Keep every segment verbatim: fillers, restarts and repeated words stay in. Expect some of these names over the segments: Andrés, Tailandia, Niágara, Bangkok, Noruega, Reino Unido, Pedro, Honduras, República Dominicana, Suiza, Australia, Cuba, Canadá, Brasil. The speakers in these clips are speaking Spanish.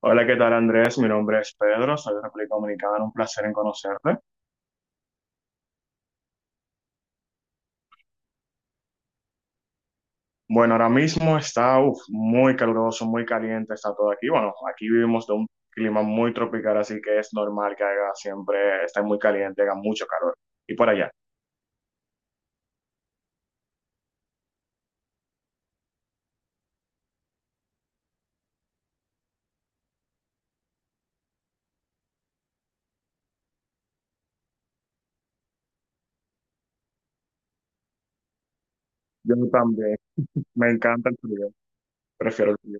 Hola, ¿qué tal, Andrés? Mi nombre es Pedro, soy de República Dominicana, un placer en conocerte. Bueno, ahora mismo está uf, muy caluroso, muy caliente, está todo aquí. Bueno, aquí vivimos de un clima muy tropical, así que es normal que haga siempre, esté muy caliente, haga mucho calor. Y por allá, yo también, me encanta el frío, prefiero el frío.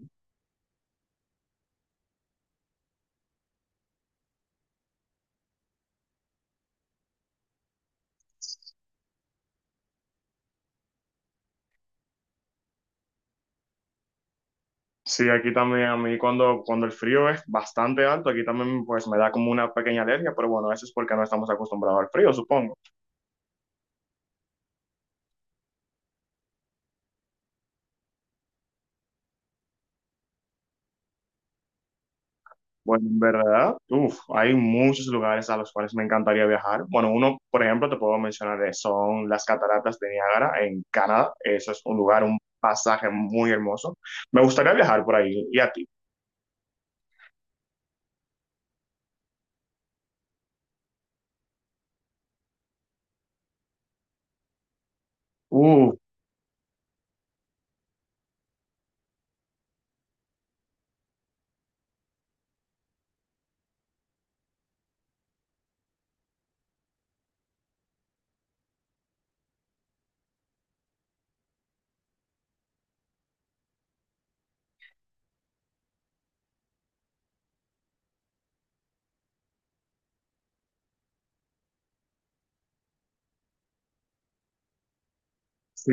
Sí, aquí también a mí cuando, cuando el frío es bastante alto, aquí también pues me da como una pequeña alergia, pero bueno, eso es porque no estamos acostumbrados al frío, supongo. Bueno, en verdad, uf, hay muchos lugares a los cuales me encantaría viajar. Bueno, uno, por ejemplo, te puedo mencionar, eh, son las cataratas de Niágara en Canadá. Eso es un lugar, un pasaje muy hermoso. Me gustaría viajar por ahí. ¿Y a ti? Uf, sí.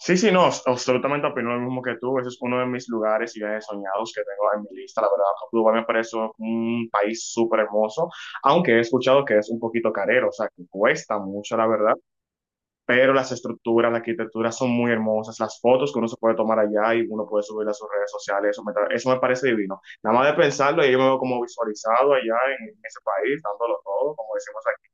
Sí, sí, no, abs- absolutamente opino lo mismo que tú. Ese es uno de mis lugares y viajes soñados que tengo en mi lista. La verdad, Cuba me parece un país súper hermoso, aunque he escuchado que es un poquito carero, o sea, que cuesta mucho, la verdad. Pero las estructuras, la arquitectura son muy hermosas, las fotos que uno se puede tomar allá y uno puede subir a sus redes sociales, eso me, tra- eso me parece divino. Nada más de pensarlo, y yo me veo como visualizado allá en, en, ese país, dándolo todo, como decimos aquí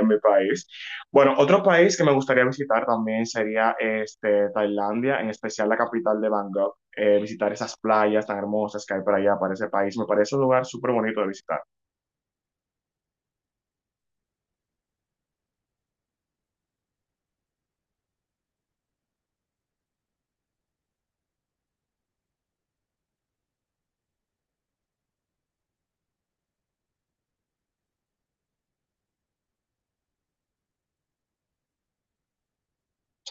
en mi país. Bueno, otro país que me gustaría visitar también sería este, Tailandia, en especial la capital de Bangkok. Eh, visitar esas playas tan hermosas que hay para allá, para ese país, me parece un lugar súper bonito de visitar.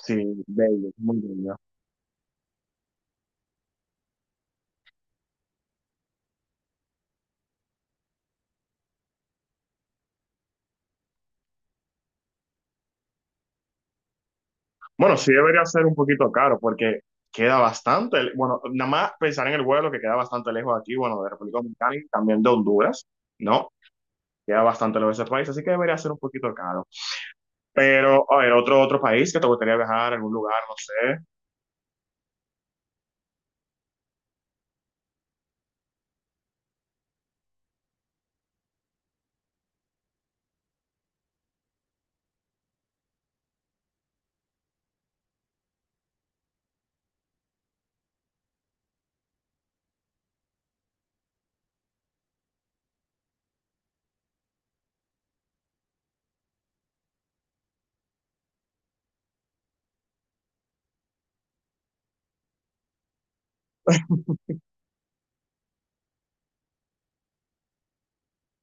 Sí, bello, muy bello. Bueno, sí debería ser un poquito caro porque queda bastante, le- bueno, nada más pensar en el vuelo que queda bastante lejos de aquí, bueno, de República Dominicana y también de Honduras, ¿no? Queda bastante lejos de ese país, así que debería ser un poquito caro. Pero, a ver, otro, otro país que te gustaría viajar, algún lugar, no sé,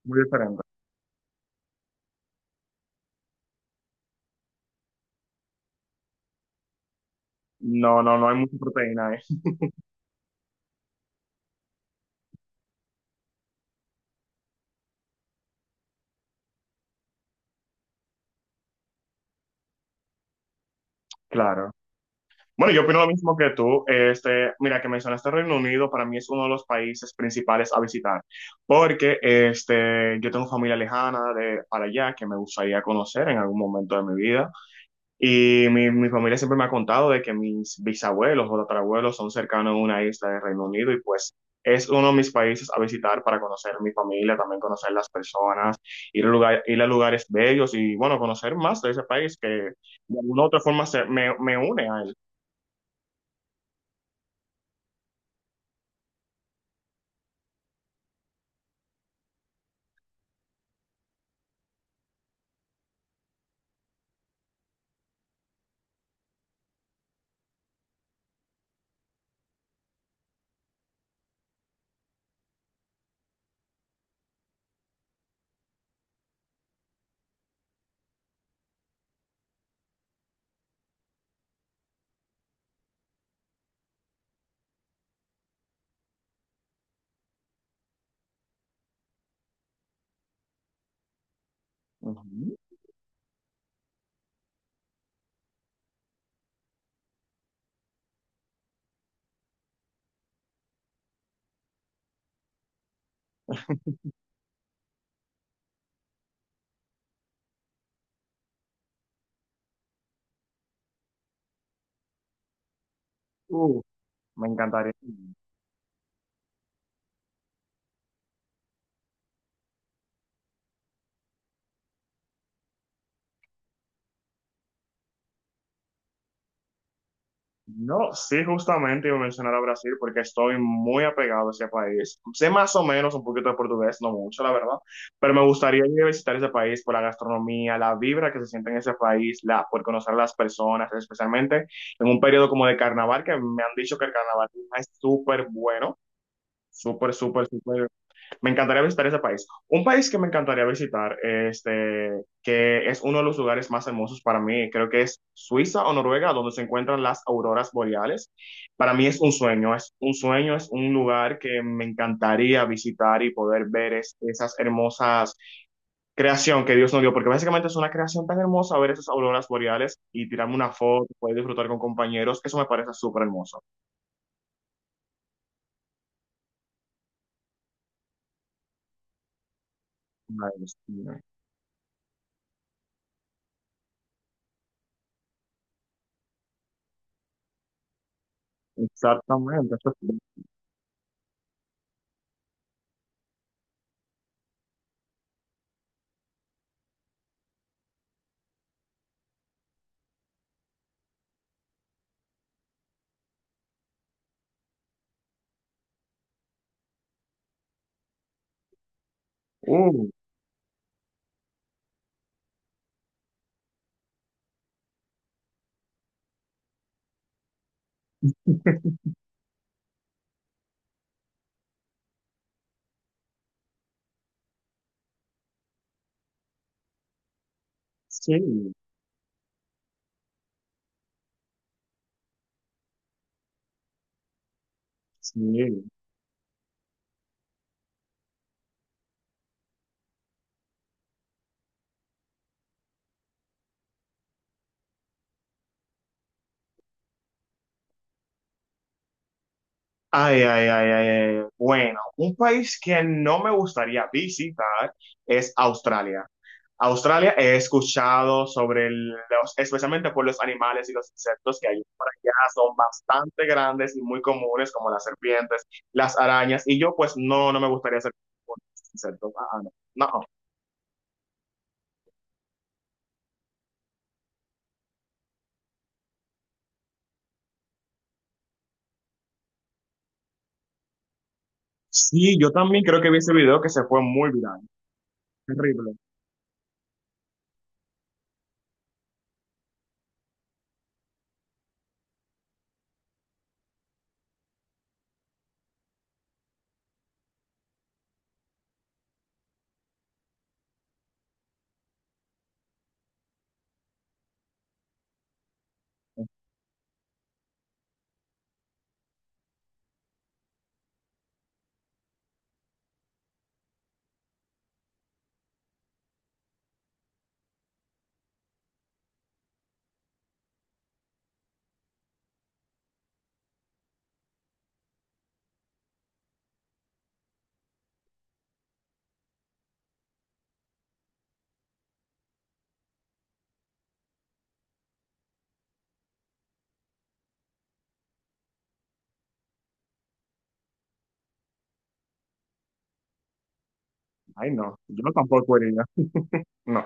muy diferente. No, no, no hay mucha proteína ahí. Claro. Bueno, yo opino lo mismo que tú. Este, mira, que mencionaste Reino Unido, para mí es uno de los países principales a visitar, porque este, yo tengo familia lejana de para allá que me gustaría conocer en algún momento de mi vida. Y mi, mi familia siempre me ha contado de que mis bisabuelos o tatarabuelos son cercanos a una isla de Reino Unido y pues es uno de mis países a visitar para conocer mi familia, también conocer las personas, ir a, lugar, ir a lugares bellos y bueno, conocer más de ese país que de alguna u otra forma se, me, me une a él. Ujú. Uh, me encantaría. No, sí, justamente iba a mencionar a Brasil porque estoy muy apegado a ese país. Sé más o menos un poquito de portugués, no mucho, la verdad, pero me gustaría ir a visitar ese país por la gastronomía, la vibra que se siente en ese país, la, por conocer a las personas, especialmente en un periodo como de carnaval, que me han dicho que el carnaval es súper bueno, súper, súper, súper. Me encantaría visitar ese país. Un país que me encantaría visitar, este, que es uno de los lugares más hermosos para mí, creo que es Suiza o Noruega, donde se encuentran las auroras boreales. Para mí es un sueño, es un sueño, es un lugar que me encantaría visitar y poder ver es- esas hermosas creación que Dios nos dio, porque básicamente es una creación tan hermosa ver esas auroras boreales y tirarme una foto, poder disfrutar con compañeros, eso me parece súper hermoso. Ay, Dios mío. Exactamente, eso sí. Uh, sí. Sí. Ay, ay, ay, ay, ay. Bueno, un país que no me gustaría visitar es Australia. Australia he escuchado sobre el- los, especialmente por los animales y los insectos que hay por allá, son bastante grandes y muy comunes, como las serpientes, las arañas, y yo pues no, no me gustaría ser un insecto. Ah, ah, no. No. Sí, yo también creo que vi ese video que se fue muy viral. Terrible. Ay, no, yo tampoco iría. No.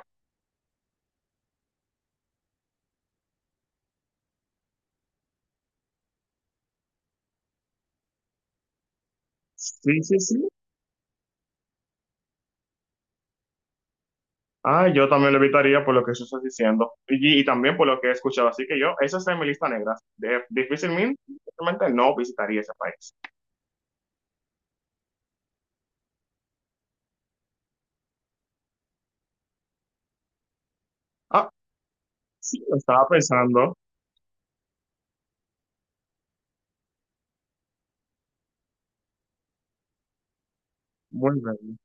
Sí, sí, sí. Ah, yo también lo evitaría por lo que tú estás diciendo y, y también por lo que he escuchado. Así que yo, esa está en mi lista negra. De- difícilmente, difícilmente no visitaría ese país. Ah, sí, lo estaba pensando. Muy bien.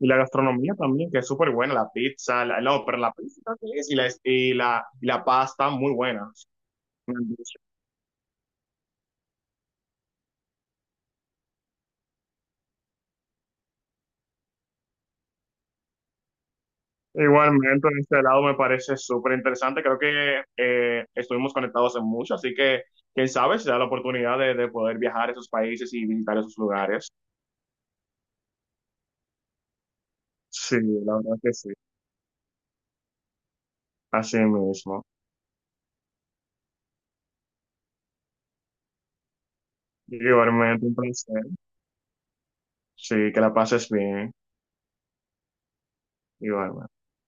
Y la gastronomía también, que es súper buena. La pizza, la, no, pero la pizza creo que es y la, y la, y la pasta, muy buenas. Me han dicho. Igualmente, en este lado me parece súper interesante. Creo que eh, estuvimos conectados en mucho, así que quién sabe si da la oportunidad de, de poder viajar a esos países y visitar esos lugares. Sí, la verdad que sí, así mismo. Igualmente un placer. Sí, que la pases bien. Igualmente.